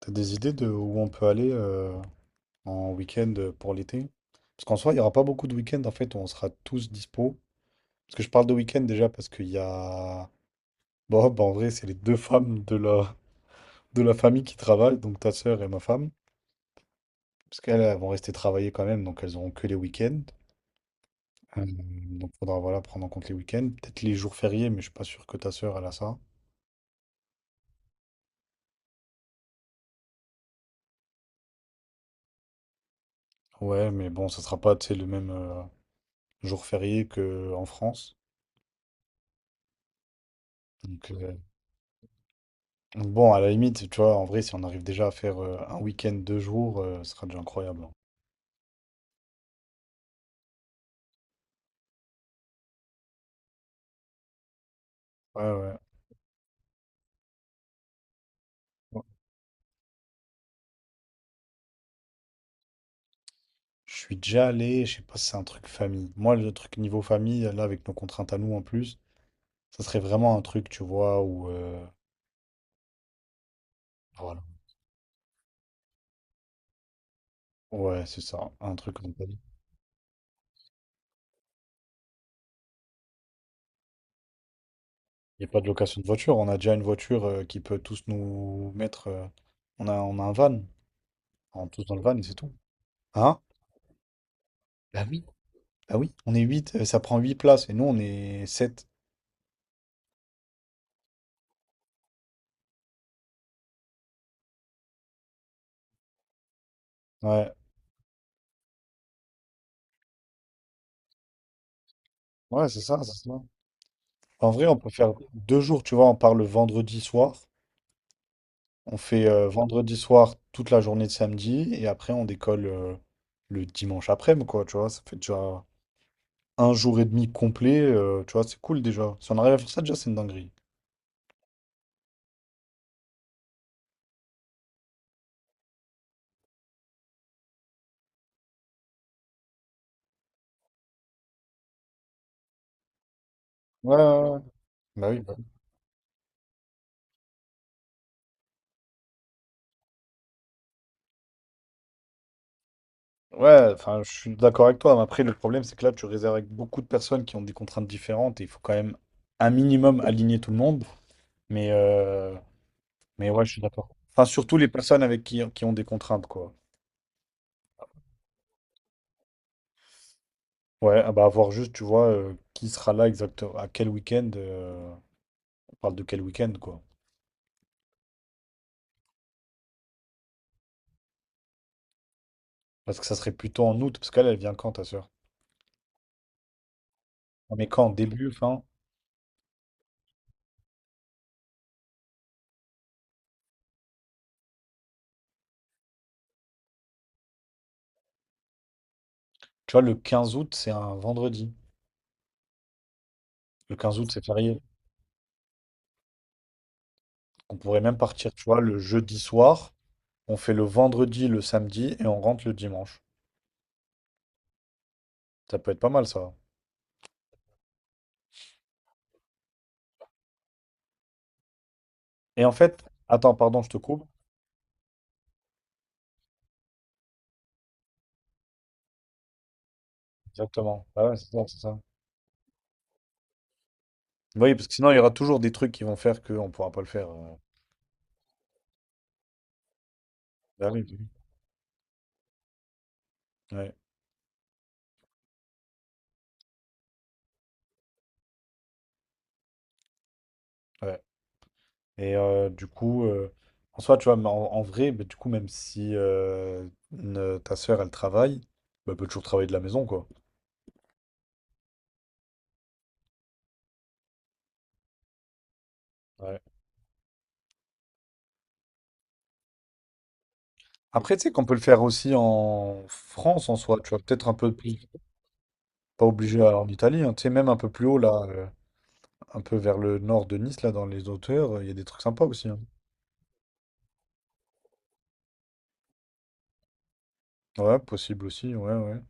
T'as des idées de où on peut aller en week-end pour l'été? Parce qu'en soi, il n'y aura pas beaucoup de week-ends en fait où on sera tous dispo. Parce que je parle de week-end déjà parce qu'il y a Bob, en vrai, c'est les deux femmes de la famille qui travaillent, donc ta sœur et ma femme. Parce qu'elles elles vont rester travailler quand même, donc elles n'auront que les week-ends. Donc faudra voilà, prendre en compte les week-ends. Peut-être les jours fériés, mais je suis pas sûr que ta sœur elle a ça. Ouais, mais bon, ça sera pas tu sais, le même jour férié qu'en France. Donc, euh, Bon, à la limite, tu vois, en vrai, si on arrive déjà à faire un week-end, 2 jours, ce sera déjà incroyable. Hein. Ouais, ouais. Ouais. Je suis déjà allé, je sais pas si c'est un truc famille. Moi, le truc niveau famille, là, avec nos contraintes à nous en plus, ça serait vraiment un truc, tu vois, où. Voilà. Ouais, c'est ça, un truc comme t'as dit. Il n'y a pas de location de voiture, on a déjà une voiture qui peut tous nous mettre. On a un van, on rentre tous dans le van et c'est tout. Hein? Bah oui. Bah oui, on est 8. Ça prend 8 places et nous, on est sept. Ouais, ouais, c'est ça, c'est ça. En vrai, on peut faire 2 jours, tu vois, on part le vendredi soir. On fait vendredi soir toute la journée de samedi et après on décolle le dimanche après-midi, quoi, tu vois. Ça fait déjà un jour et demi complet, tu vois, c'est cool déjà. Si on arrive à faire ça déjà, c'est une dinguerie. Ouais, ouais, ouais. Bah oui, bah oui. Ouais, enfin, je suis d'accord avec toi, mais après, le problème, c'est que là, tu réserves avec beaucoup de personnes qui ont des contraintes différentes et il faut quand même un minimum aligner tout le monde. Mais, euh, mais ouais, je suis d'accord. Enfin, surtout les personnes avec qui ont des contraintes, quoi. Ouais, ah bah avoir juste, tu vois, qui sera là exactement, à quel week-end, on parle de quel week-end, quoi. Parce que ça serait plutôt en août, parce qu'elle, elle vient quand, ta soeur? Mais quand, début, fin? Tu vois, le 15 août, c'est un vendredi. Le 15 août, c'est férié. On pourrait même partir, tu vois, le jeudi soir, on fait le vendredi, le samedi, et on rentre le dimanche. Ça peut être pas mal, ça. Et en fait, attends, pardon, je te coupe. Exactement. Ah ouais, c'est ça, c'est ça. Oui, parce que sinon, il y aura toujours des trucs qui vont faire qu'on pourra pas le faire. Bah oui, bah oui. Ouais, ouais. Du coup, en soi, tu vois, mais en, en vrai, bah, du coup, même si ta sœur, elle travaille, bah, elle peut toujours travailler de la maison, quoi. Ouais. Après, tu sais qu'on peut le faire aussi en France, en soi, tu vois, peut-être un peu plus, pas obligé à- en Italie, hein, tu sais, même un peu plus haut, là, un peu vers le nord de Nice, là, dans les hauteurs, il y a des trucs sympas aussi. Hein. Ouais, possible aussi, ouais, ouais.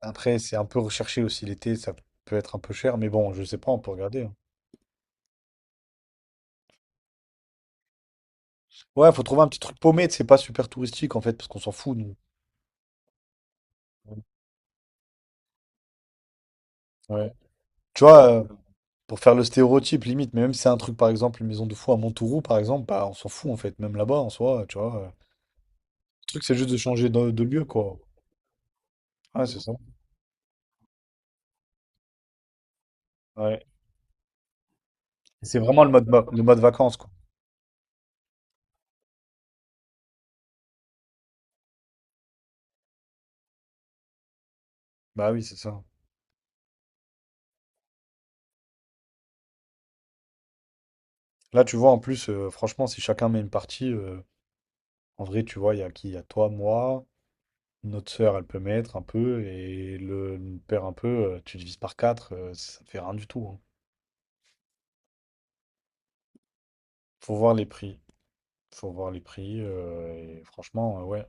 Après, c'est un peu recherché aussi l'été, ça peut être un peu cher, mais bon, je sais pas, on peut regarder. Hein. Ouais, faut trouver un petit truc paumé, c'est pas super touristique, en fait, parce qu'on s'en fout, nous. Ouais. Tu vois, pour faire le stéréotype limite, mais même si c'est un truc, par exemple, une maison de fou à Montauroux, par exemple, bah on s'en fout en fait, même là-bas en soi, tu vois. Le truc, c'est juste de changer de lieu, quoi. Ouais, c'est ça. Ouais. C'est vraiment le mode, le mode vacances, quoi. Bah oui, c'est ça. Là, tu vois, en plus, franchement, si chacun met une partie, en vrai, tu vois, il y a qui? Il y a toi, moi, notre sœur, elle peut mettre un peu, et le père un peu, tu divises par quatre, ça te fait rien du tout. Hein. Faut voir les prix. Faut voir les prix, et franchement, ouais.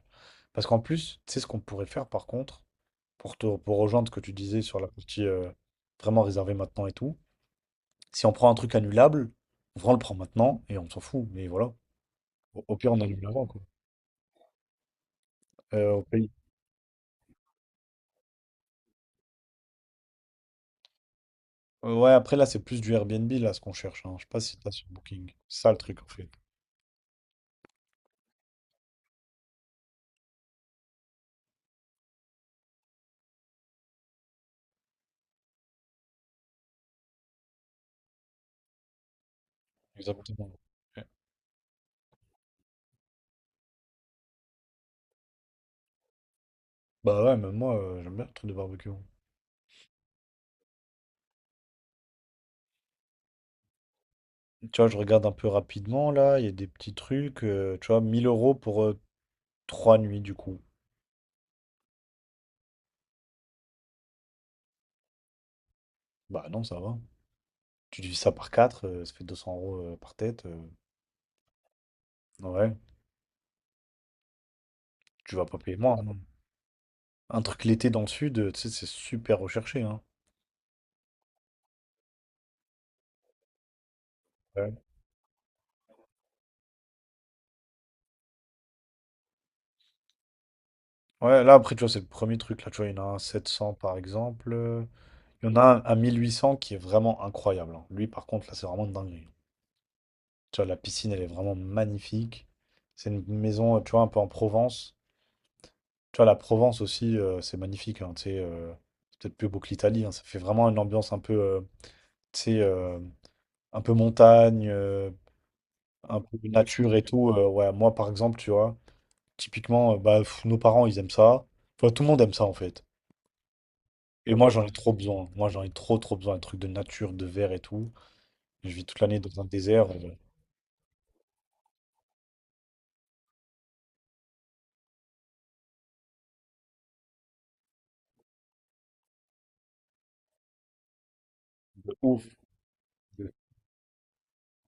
Parce qu'en plus, tu sais ce qu'on pourrait faire par contre, pour te, pour rejoindre ce que tu disais sur la partie vraiment réservée maintenant et tout, si on prend un truc annulable, on le prend maintenant et on s'en fout. Mais voilà, au pire, on annule l'avant, quoi. Au pays. Ouais, après là, c'est plus du Airbnb là ce qu'on cherche. Hein. Je sais pas si t'as sur Booking. C'est ça le truc en fait. Exactement. Ouais. Bah ouais, même moi, j'aime bien le truc de barbecue. Hein. Tu vois, je regarde un peu rapidement là, il y a des petits trucs, tu vois, 1 000 euros pour 3 nuits du coup. Bah non, ça va. Tu divises ça par 4, ça fait 200 euros par tête. Ouais, tu vas pas payer moins. Hein. Un truc l'été dans le sud, tu sais, c'est super recherché. Hein. Ouais. Ouais, là après, tu vois, c'est le premier truc là, tu vois, il y en a un à 700 par exemple. Il y en a un à 1 800 qui est vraiment incroyable. Hein. Lui, par contre, là, c'est vraiment dingue. Tu vois, la piscine, elle est vraiment magnifique. C'est une maison, tu vois, un peu en Provence. Tu vois, la Provence aussi, c'est magnifique. Hein, tu sais, c'est peut-être plus beau que l'Italie. Hein, ça fait vraiment une ambiance un peu, tu sais, un peu montagne, un peu nature et tout. Ouais, moi, par exemple, tu vois, typiquement, bah, pff, nos parents, ils aiment ça. Tu vois, tout le monde aime ça, en fait. Et moi, j'en ai trop besoin. Moi, j'en ai trop, trop besoin. Un truc de nature, de verre et tout. Je vis toute l'année dans un désert. De ouf. de-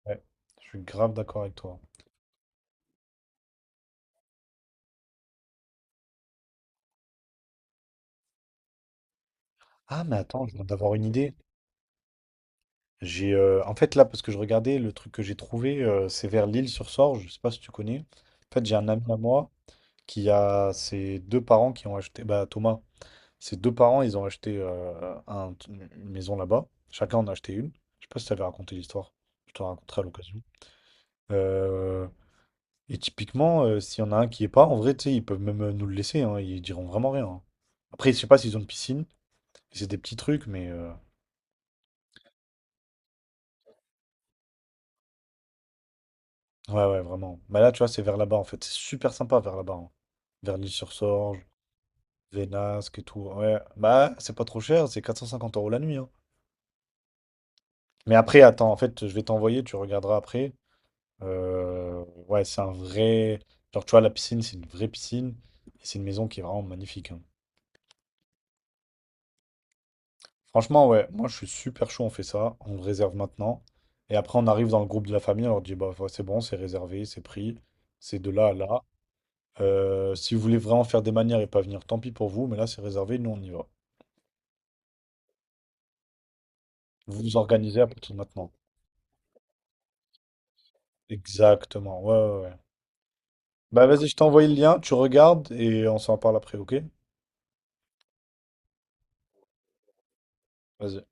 Ouais, je suis grave d'accord avec toi. Ah, mais attends, je viens d'avoir une idée. J'ai, en fait, là, parce que je regardais, le truc que j'ai trouvé, c'est vers l'île sur Sorge. Je sais pas si tu connais. En fait, j'ai un ami à moi qui a ses deux parents qui ont acheté, bah, Thomas, ses deux parents, ils ont acheté une maison là-bas. Chacun en a acheté une. Je sais pas si t'avais raconté l'histoire. Je te la raconterai à l'occasion. Euh, et typiquement, s'il y en a un qui est pas, en vrai, tu sais, ils peuvent même nous le laisser. Hein, ils diront vraiment rien. Hein. Après, je sais pas s'ils ont une piscine. C'est des petits trucs, mais ouais, ouais, vraiment. Mais là, tu vois, c'est vers là-bas en fait. C'est super sympa vers là-bas. Hein. Vers l'île-sur-Sorge, Vénasque et tout. Ouais, bah, c'est pas trop cher. C'est 450 euros la nuit. Hein. Mais après, attends, en fait, je vais t'envoyer. Tu regarderas après. Ouais, c'est un vrai. Genre, tu vois, la piscine, c'est une vraie piscine. Et c'est une maison qui est vraiment magnifique. Hein. Franchement, ouais, moi, je suis super chaud, on fait ça. On le réserve maintenant. Et après, on arrive dans le groupe de la famille. On leur dit, bah, ouais, c'est bon, c'est réservé, c'est pris. C'est de là à là. Si vous voulez vraiment faire des manières et pas venir, tant pis pour vous. Mais là, c'est réservé, nous, on y va. Vous vous organisez à partir de maintenant. Exactement, ouais, ouais, ouais. Bah, vas-y, je t'ai envoyé le lien, tu regardes et on s'en parle après, ok? Vas-y.